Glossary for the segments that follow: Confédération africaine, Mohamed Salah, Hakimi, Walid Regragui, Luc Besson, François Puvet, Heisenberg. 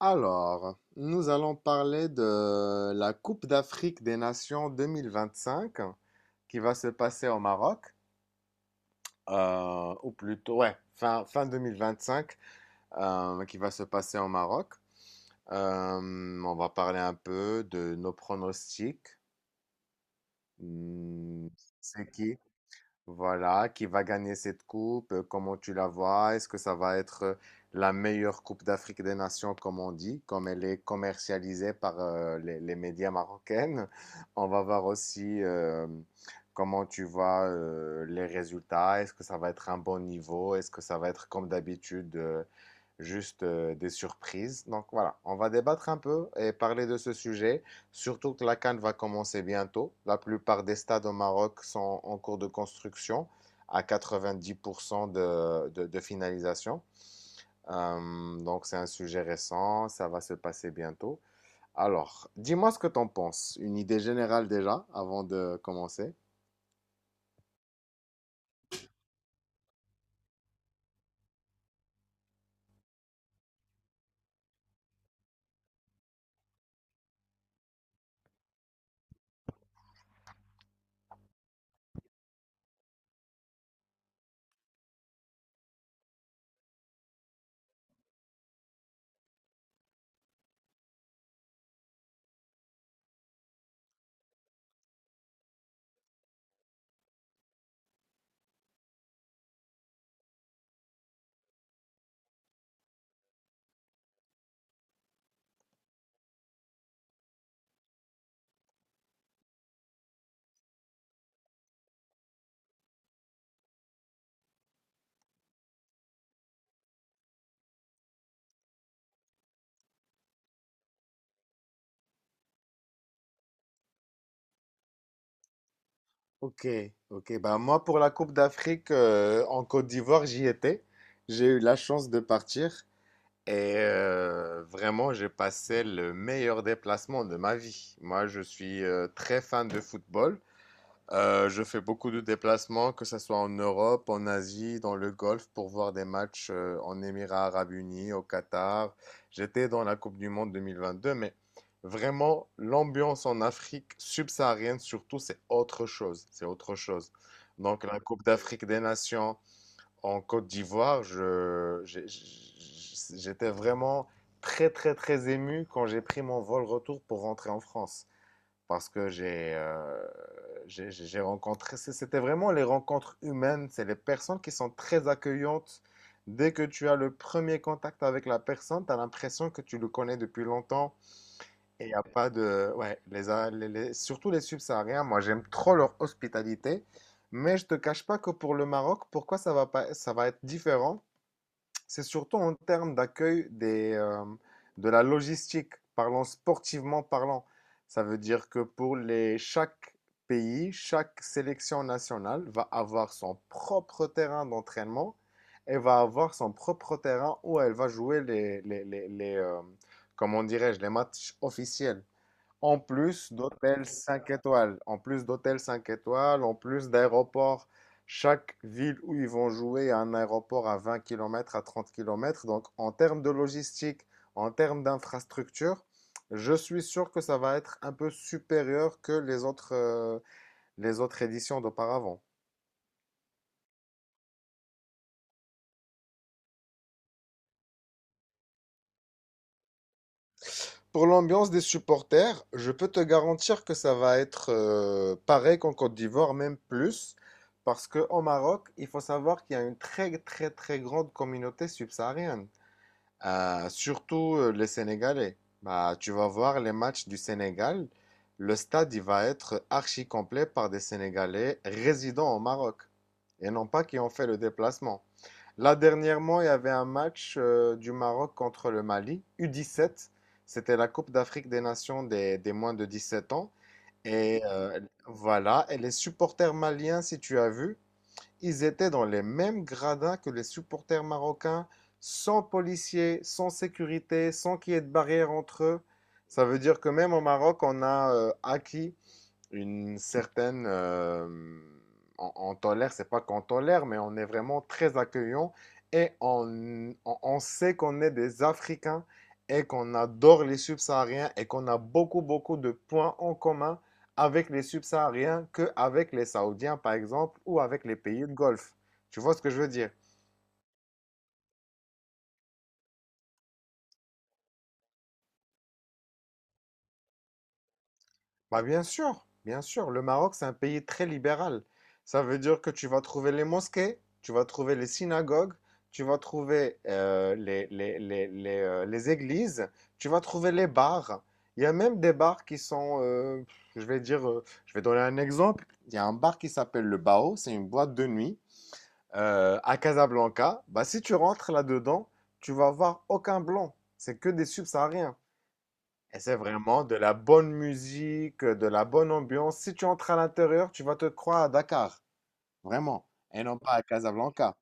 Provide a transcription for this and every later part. Alors, nous allons parler de la Coupe d'Afrique des Nations 2025 qui va se passer au Maroc, ou plutôt, ouais, fin 2025 qui va se passer au Maroc. On va parler un peu de nos pronostics. Hmm, C'est qui? Voilà, qui va gagner cette coupe? Comment tu la vois? Est-ce que ça va être la meilleure coupe d'Afrique des Nations, comme on dit, comme elle est commercialisée par les médias marocains? On va voir aussi comment tu vois les résultats. Est-ce que ça va être un bon niveau? Est-ce que ça va être comme d'habitude juste des surprises? Donc voilà, on va débattre un peu et parler de ce sujet. Surtout que la CAN va commencer bientôt. La plupart des stades au Maroc sont en cours de construction, à 90% de finalisation. Donc, c'est un sujet récent, ça va se passer bientôt. Alors, dis-moi ce que t'en penses. Une idée générale déjà, avant de commencer. Ok, ok, ben moi pour la Coupe d'Afrique en Côte d'Ivoire, j'y étais. J'ai eu la chance de partir. Et vraiment, j'ai passé le meilleur déplacement de ma vie. Moi, je suis très fan de football. Je fais beaucoup de déplacements, que ce soit en Europe, en Asie, dans le Golfe, pour voir des matchs en Émirats arabes unis, au Qatar. J'étais dans la Coupe du Monde 2022, mais vraiment, l'ambiance en Afrique subsaharienne, surtout, c'est autre chose. C'est autre chose. Donc, la Coupe d'Afrique des Nations, en Côte d'Ivoire, j'étais vraiment très, très, très ému quand j'ai pris mon vol retour pour rentrer en France. Parce que j'ai rencontré, c'était vraiment les rencontres humaines, c'est les personnes qui sont très accueillantes. Dès que tu as le premier contact avec la personne, tu as l'impression que tu le connais depuis longtemps. Et il n'y a pas de — ouais, les, A- les- les- surtout les subsahariens, moi j'aime trop leur hospitalité, mais je te cache pas que pour le Maroc, pourquoi ça va pas, ça va être différent, c'est surtout en termes d'accueil des, de la logistique, parlant sportivement parlant. Ça veut dire que pour chaque pays, chaque sélection nationale va avoir son propre terrain d'entraînement et va avoir son propre terrain où elle va jouer comment dirais-je, les matchs officiels. En plus d'hôtels 5 étoiles, en plus d'hôtels 5 étoiles, en plus d'aéroports. Chaque ville où ils vont jouer a un aéroport à 20 km, à 30 km. Donc, en termes de logistique, en termes d'infrastructure, je suis sûr que ça va être un peu supérieur que les autres éditions d'auparavant. Pour l'ambiance des supporters, je peux te garantir que ça va être pareil qu'en Côte d'Ivoire, même plus, parce qu'au Maroc, il faut savoir qu'il y a une très très très grande communauté subsaharienne, surtout les Sénégalais. Bah, tu vas voir les matchs du Sénégal, le stade il va être archi complet par des Sénégalais résidant au Maroc, et non pas qui ont fait le déplacement. Là, dernièrement, il y avait un match du Maroc contre le Mali, U17. C'était la Coupe d'Afrique des Nations des moins de 17 ans. Et voilà, et les supporters maliens, si tu as vu, ils étaient dans les mêmes gradins que les supporters marocains, sans policiers, sans sécurité, sans qu'il y ait de barrière entre eux. Ça veut dire que même au Maroc, on a acquis une certaine — on tolère, c'est pas qu'on tolère, mais on est vraiment très accueillant et on sait qu'on est des Africains et qu'on adore les subsahariens et qu'on a beaucoup, beaucoup de points en commun avec les subsahariens qu'avec les Saoudiens, par exemple, ou avec les pays de Golfe. Tu vois ce que je veux dire? Bah bien sûr, bien sûr. Le Maroc, c'est un pays très libéral. Ça veut dire que tu vas trouver les mosquées, tu vas trouver les synagogues, tu vas trouver les églises, tu vas trouver les bars. Il y a même des bars qui sont, je vais dire, je vais donner un exemple. Il y a un bar qui s'appelle le Bao, c'est une boîte de nuit à Casablanca. Bah si tu rentres là-dedans, tu vas voir aucun blanc. C'est que des subsahariens. Et c'est vraiment de la bonne musique, de la bonne ambiance. Si tu entres à l'intérieur, tu vas te croire à Dakar, vraiment, et non pas à Casablanca.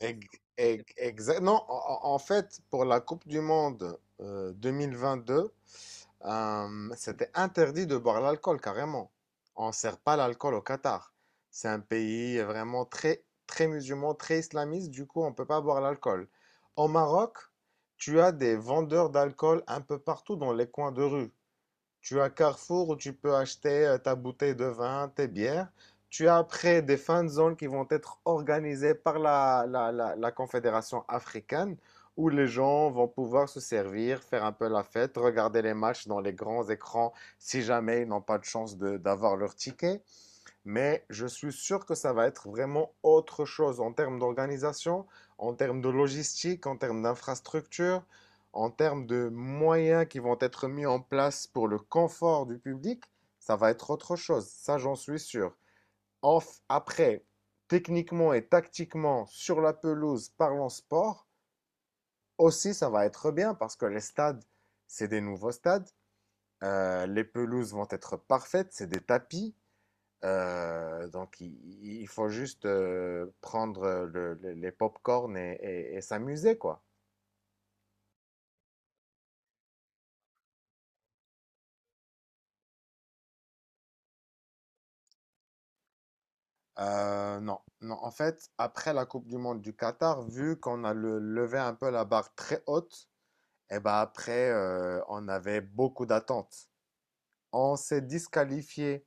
Ex- non, en fait, pour la Coupe du Monde 2022, c'était interdit de boire l'alcool, carrément. On ne sert pas l'alcool au Qatar. C'est un pays vraiment très, très musulman, très islamiste, du coup, on ne peut pas boire l'alcool. Au Maroc, tu as des vendeurs d'alcool un peu partout dans les coins de rue. Tu as Carrefour où tu peux acheter ta bouteille de vin, tes bières. Tu as après des fan zones qui vont être organisées par la Confédération africaine où les gens vont pouvoir se servir, faire un peu la fête, regarder les matchs dans les grands écrans si jamais ils n'ont pas de chance d'avoir leur ticket. Mais je suis sûr que ça va être vraiment autre chose en termes d'organisation, en termes de logistique, en termes d'infrastructure, en termes de moyens qui vont être mis en place pour le confort du public. Ça va être autre chose, ça j'en suis sûr. Off après, techniquement et tactiquement, sur la pelouse, parlons sport, aussi ça va être bien parce que les stades, c'est des nouveaux stades. Les pelouses vont être parfaites, c'est des tapis. Donc, il faut juste prendre les pop-corn et s'amuser, quoi. Non, non. En fait, après la Coupe du Monde du Qatar, vu qu'on a levé un peu la barre très haute, et ben après, on avait beaucoup d'attentes. On s'est disqualifié.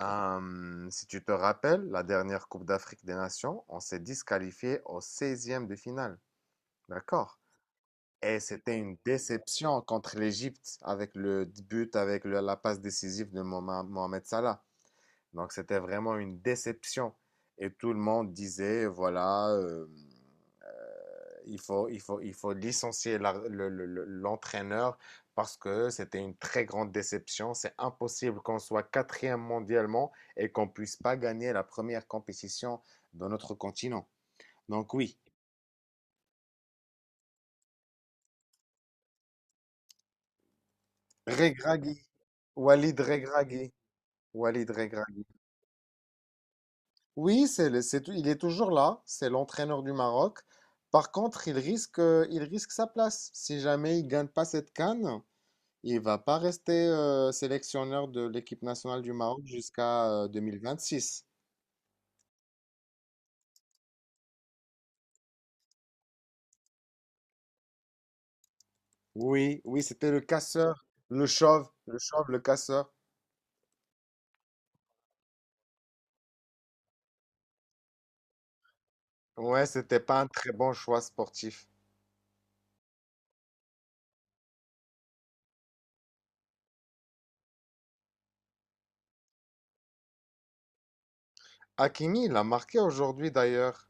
Si tu te rappelles, la dernière Coupe d'Afrique des Nations, on s'est disqualifié au seizième de finale. D'accord? Et c'était une déception contre l'Égypte avec le but, avec la passe décisive de Mohamed Salah. Donc c'était vraiment une déception. Et tout le monde disait, voilà, il faut licencier l'entraîneur parce que c'était une très grande déception. C'est impossible qu'on soit quatrième mondialement et qu'on puisse pas gagner la première compétition de notre continent. Donc oui, Regragui, Walid Regragui, Walid Regragui. Oui, c'est, le- c'est, tou- il est toujours là, c'est l'entraîneur du Maroc. Par contre, il risque sa place. Si jamais il gagne pas cette CAN, il va pas rester sélectionneur de l'équipe nationale du Maroc jusqu'à six. Oui, oui, c'était le casseur, le chauve, le chauve, le casseur. Ouais, c'était pas un très bon choix sportif. Hakimi, il a marqué aujourd'hui d'ailleurs.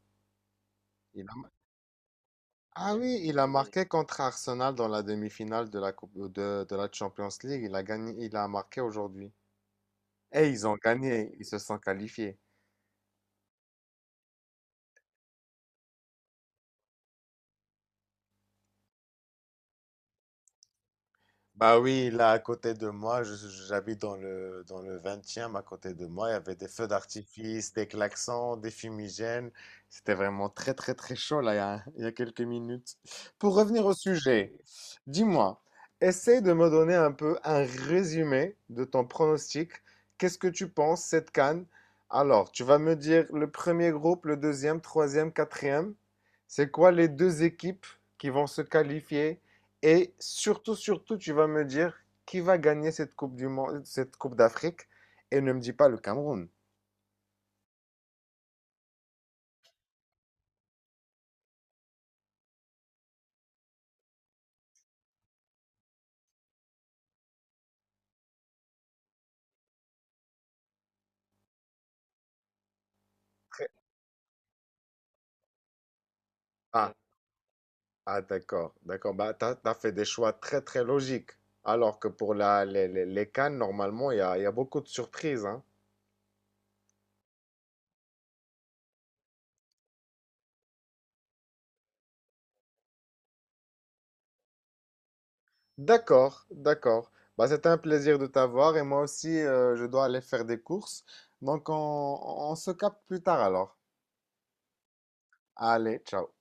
Il a, ah oui, il a, oui, marqué contre Arsenal dans la demi-finale de la coupe, de la Champions League. Il a gagné, il a marqué aujourd'hui. Et ils ont gagné, ils se sont qualifiés. Bah oui, là à côté de moi, j'habite dans le 20 à côté de moi, il y avait des feux d'artifice, des klaxons, des fumigènes. C'était vraiment très très très chaud là il y a quelques minutes. Pour revenir au sujet, dis-moi, essaie de me donner un peu un résumé de ton pronostic. Qu'est-ce que tu penses cette CAN? Alors, tu vas me dire le premier groupe, le deuxième, troisième, quatrième. C'est quoi les deux équipes qui vont se qualifier? Et surtout, surtout, tu vas me dire qui va gagner cette Coupe du Monde, cette Coupe d'Afrique, et ne me dis pas le Cameroun. Très- Ah, ah, d'accord, d'accord. Bah, t'as fait des choix très, très logiques. Alors que pour les CAN, normalement, il y a beaucoup de surprises, hein. D'accord, d'accord. Bah, c'était un plaisir de t'avoir, et moi aussi, je dois aller faire des courses. Donc, on se capte plus tard alors. Allez, ciao.